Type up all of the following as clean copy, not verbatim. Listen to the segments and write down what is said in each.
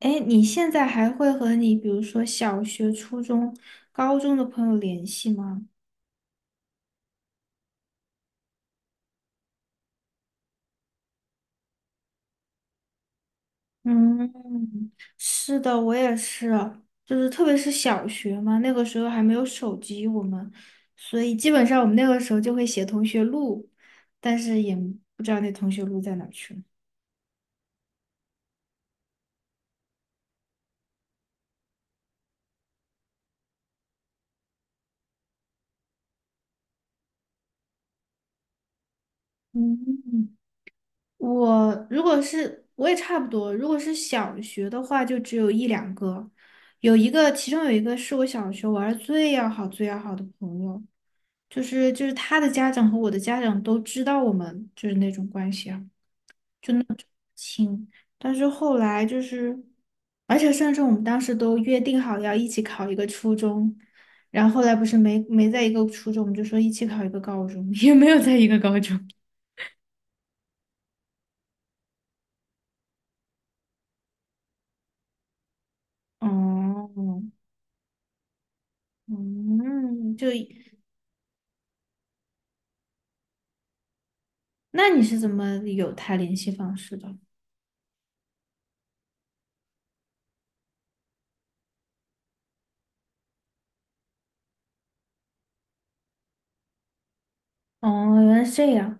哎，你现在还会和你，比如说小学、初中、高中的朋友联系吗？嗯，是的，我也是，就是特别是小学嘛，那个时候还没有手机，我们，所以基本上我们那个时候就会写同学录，但是也不知道那同学录在哪儿去了。嗯。我如果是我也差不多，如果是小学的话，就只有一两个，有一个，其中有一个是我小学玩儿最要好、最要好的朋友，就是他的家长和我的家长都知道我们就是那种关系啊亲，但是后来就是，而且甚至我们当时都约定好要一起考一个初中，然后后来不是没在一个初中，我们就说一起考一个高中，也没有在一个高中。哦，嗯，就那你是怎么有他联系方式的？哦，原来是这样，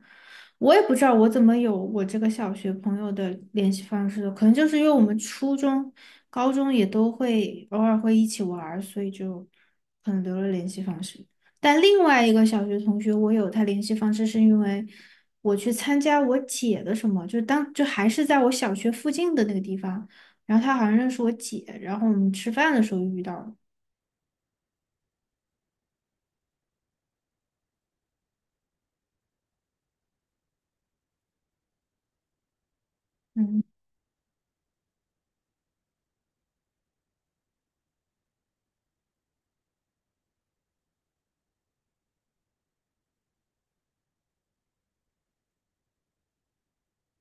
我也不知道我怎么有我这个小学朋友的联系方式的，可能就是因为我们初中、高中也都会偶尔会一起玩儿，所以就可能留了联系方式。但另外一个小学同学，我有他联系方式，是因为我去参加我姐的什么，就当就还是在我小学附近的那个地方，然后他好像认识我姐，然后我们吃饭的时候遇到了。嗯。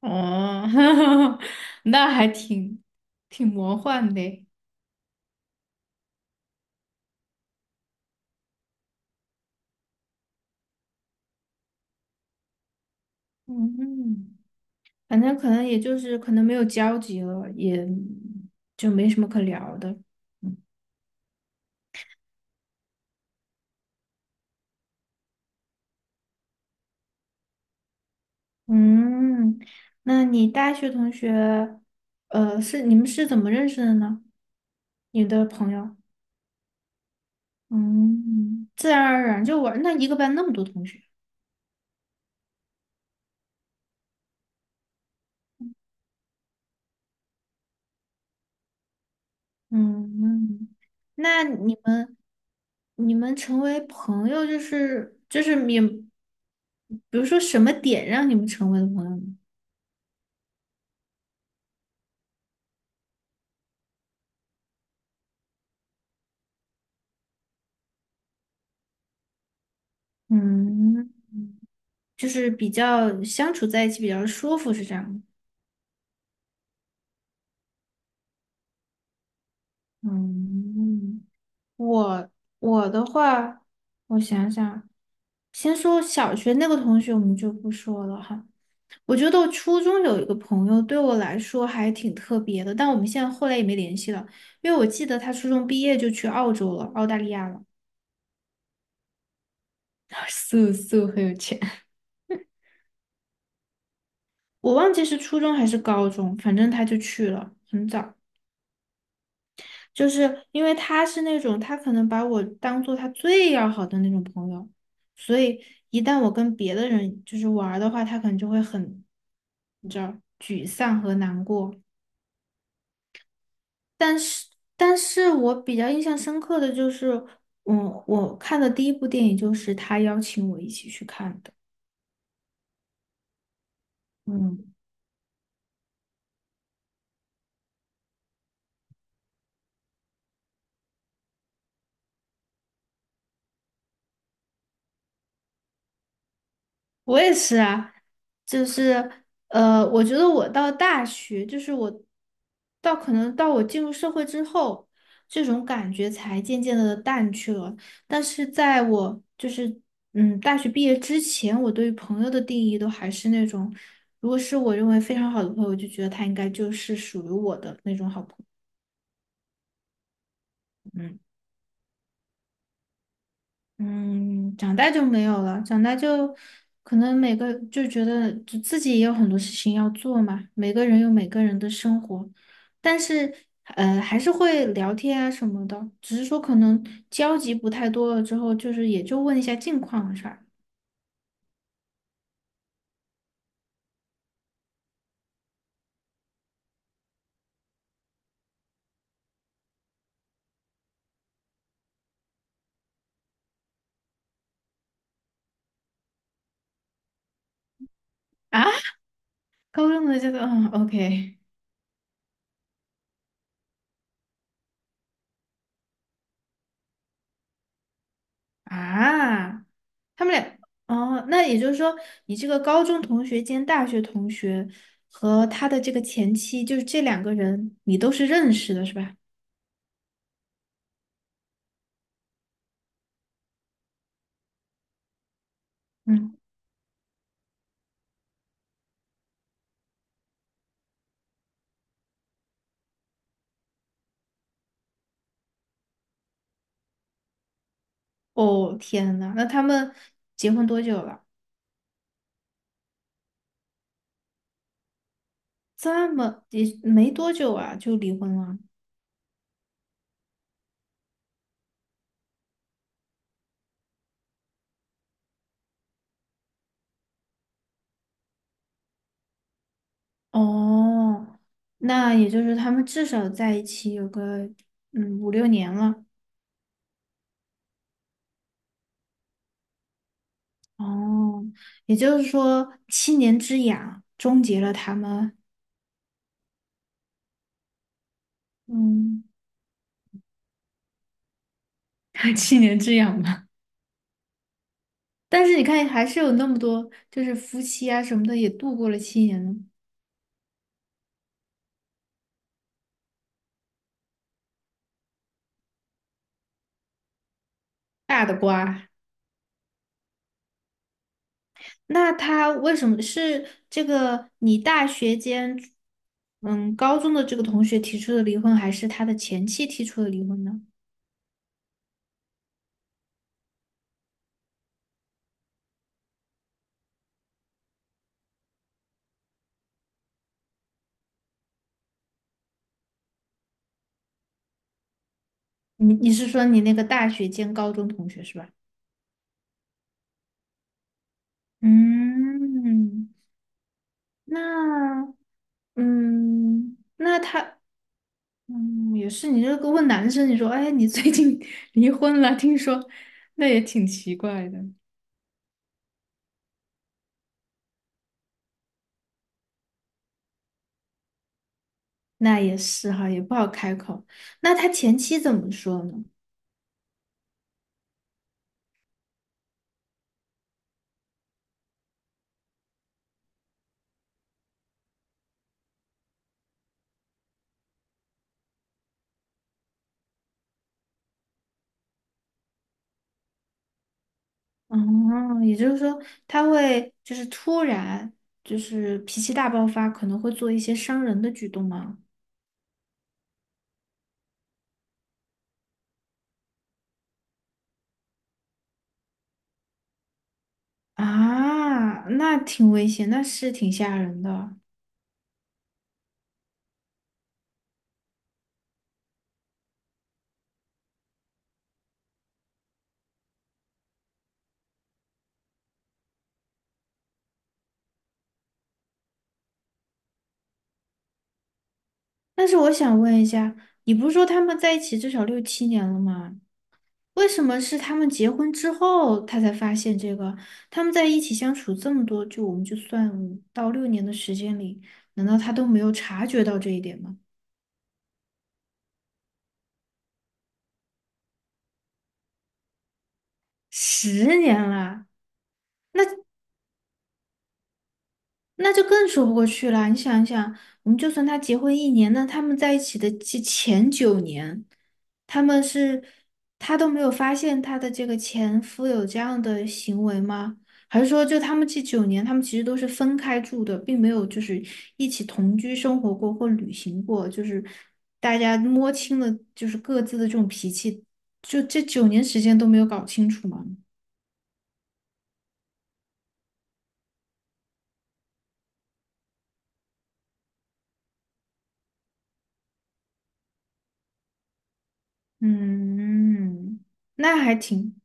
哦，那还挺挺魔幻的。嗯，反正可能也就是可能没有交集了，也就没什么可聊的。嗯，那你大学同学，是你们是怎么认识的呢？你的朋友，嗯，自然而然就玩，那一个班那么多同学，嗯，那你们你们成为朋友，就是你，比如说什么点让你们成为了朋友呢？嗯，就是比较相处在一起比较舒服，是这样吗？嗯，我我的话，我想想，先说小学那个同学，我们就不说了哈。我觉得我初中有一个朋友，对我来说还挺特别的，但我们现在后来也没联系了，因为我记得他初中毕业就去澳洲了，澳大利亚了，素素很有钱。我忘记是初中还是高中，反正他就去了，很早。就是因为他是那种，他可能把我当做他最要好的那种朋友，所以一旦我跟别的人就是玩儿的话，他可能就会很，你知道，沮丧和难过。但是，但是我比较印象深刻的就是，嗯，我看的第一部电影就是他邀请我一起去看的。嗯。我也是啊，就是我觉得我到大学，就是我到可能到我进入社会之后，这种感觉才渐渐的淡去了。但是在我就是大学毕业之前，我对于朋友的定义都还是那种，如果是我认为非常好的朋友，我就觉得他应该就是属于我的那种好朋友。嗯嗯，长大就没有了，长大就可能每个就觉得就自己也有很多事情要做嘛，每个人有每个人的生活，但是还是会聊天啊什么的，只是说可能交集不太多了之后，就是也就问一下近况的事儿啊。高中的这个，嗯，OK 啊，他们俩哦，那也就是说你这个高中同学兼大学同学和他的这个前妻，就是这两个人你都是认识的是吧？嗯。哦，天呐，那他们结婚多久了？这么也没多久啊，就离婚了。哦，那也就是他们至少在一起有个五六年了。哦，也就是说七年之痒终结了他们，嗯，七年之痒吧。但是你看，还是有那么多就是夫妻啊什么的也度过了七年呢，大的瓜。那他为什么是这个你大学间，嗯，高中的这个同学提出的离婚，还是他的前妻提出的离婚呢？你你是说你那个大学兼高中同学是吧？嗯，那嗯，那他嗯也是，你这个问男生，你说哎，你最近 离婚了，听说，那也挺奇怪的。那也是哈，也不好开口。那他前妻怎么说呢？哦，也就是说，他会就是突然就是脾气大爆发，可能会做一些伤人的举动吗？啊，那挺危险，那是挺吓人的。但是我想问一下，你不是说他们在一起至少六七年了吗？为什么是他们结婚之后他才发现这个？他们在一起相处这么多，就我们就算五到六年的时间里，难道他都没有察觉到这一点吗？十年了，那就更说不过去了。你想一想，我们就算他结婚一年，那他们在一起的这前九年，他们是他都没有发现他的这个前夫有这样的行为吗？还是说，就他们这九年，他们其实都是分开住的，并没有就是一起同居生活过或旅行过，就是大家摸清了就是各自的这种脾气，就这九年时间都没有搞清楚吗？嗯，那还挺。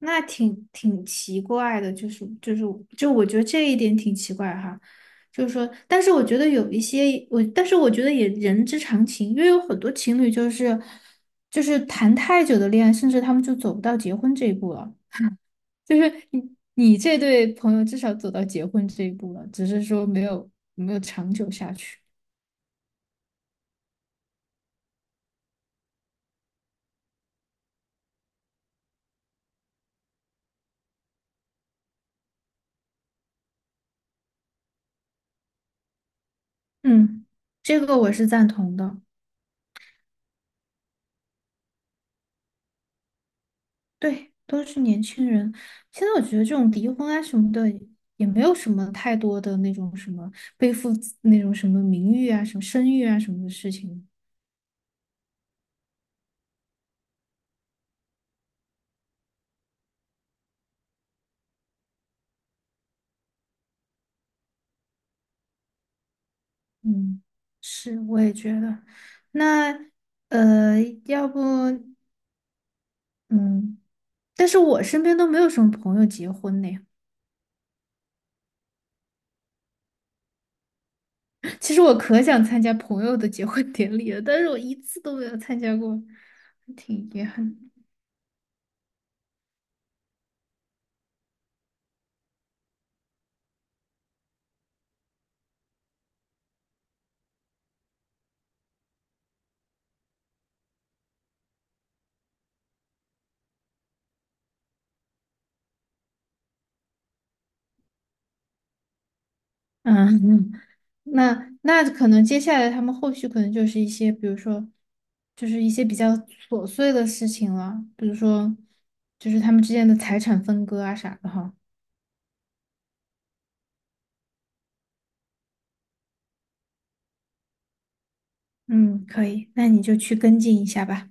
那挺挺奇怪的，就是就我觉得这一点挺奇怪哈，就是说，但是我觉得有一些我，但是我觉得也人之常情，因为有很多情侣就是就是谈太久的恋爱，甚至他们就走不到结婚这一步了。就是你你这对朋友至少走到结婚这一步了，只是说没有没有长久下去。嗯，这个我是赞同的。对，都是年轻人。现在我觉得这种离婚啊什么的，也没有什么太多的那种什么背负自那种什么名誉啊、什么声誉啊什么的事情。嗯，是，我也觉得。那要不嗯，但是我身边都没有什么朋友结婚呢。其实我可想参加朋友的结婚典礼了，但是我一次都没有参加过，挺遗憾。嗯，那那可能接下来他们后续可能就是一些，比如说，就是一些比较琐碎的事情了，比如说，就是他们之间的财产分割啊啥的哈。嗯，可以，那你就去跟进一下吧。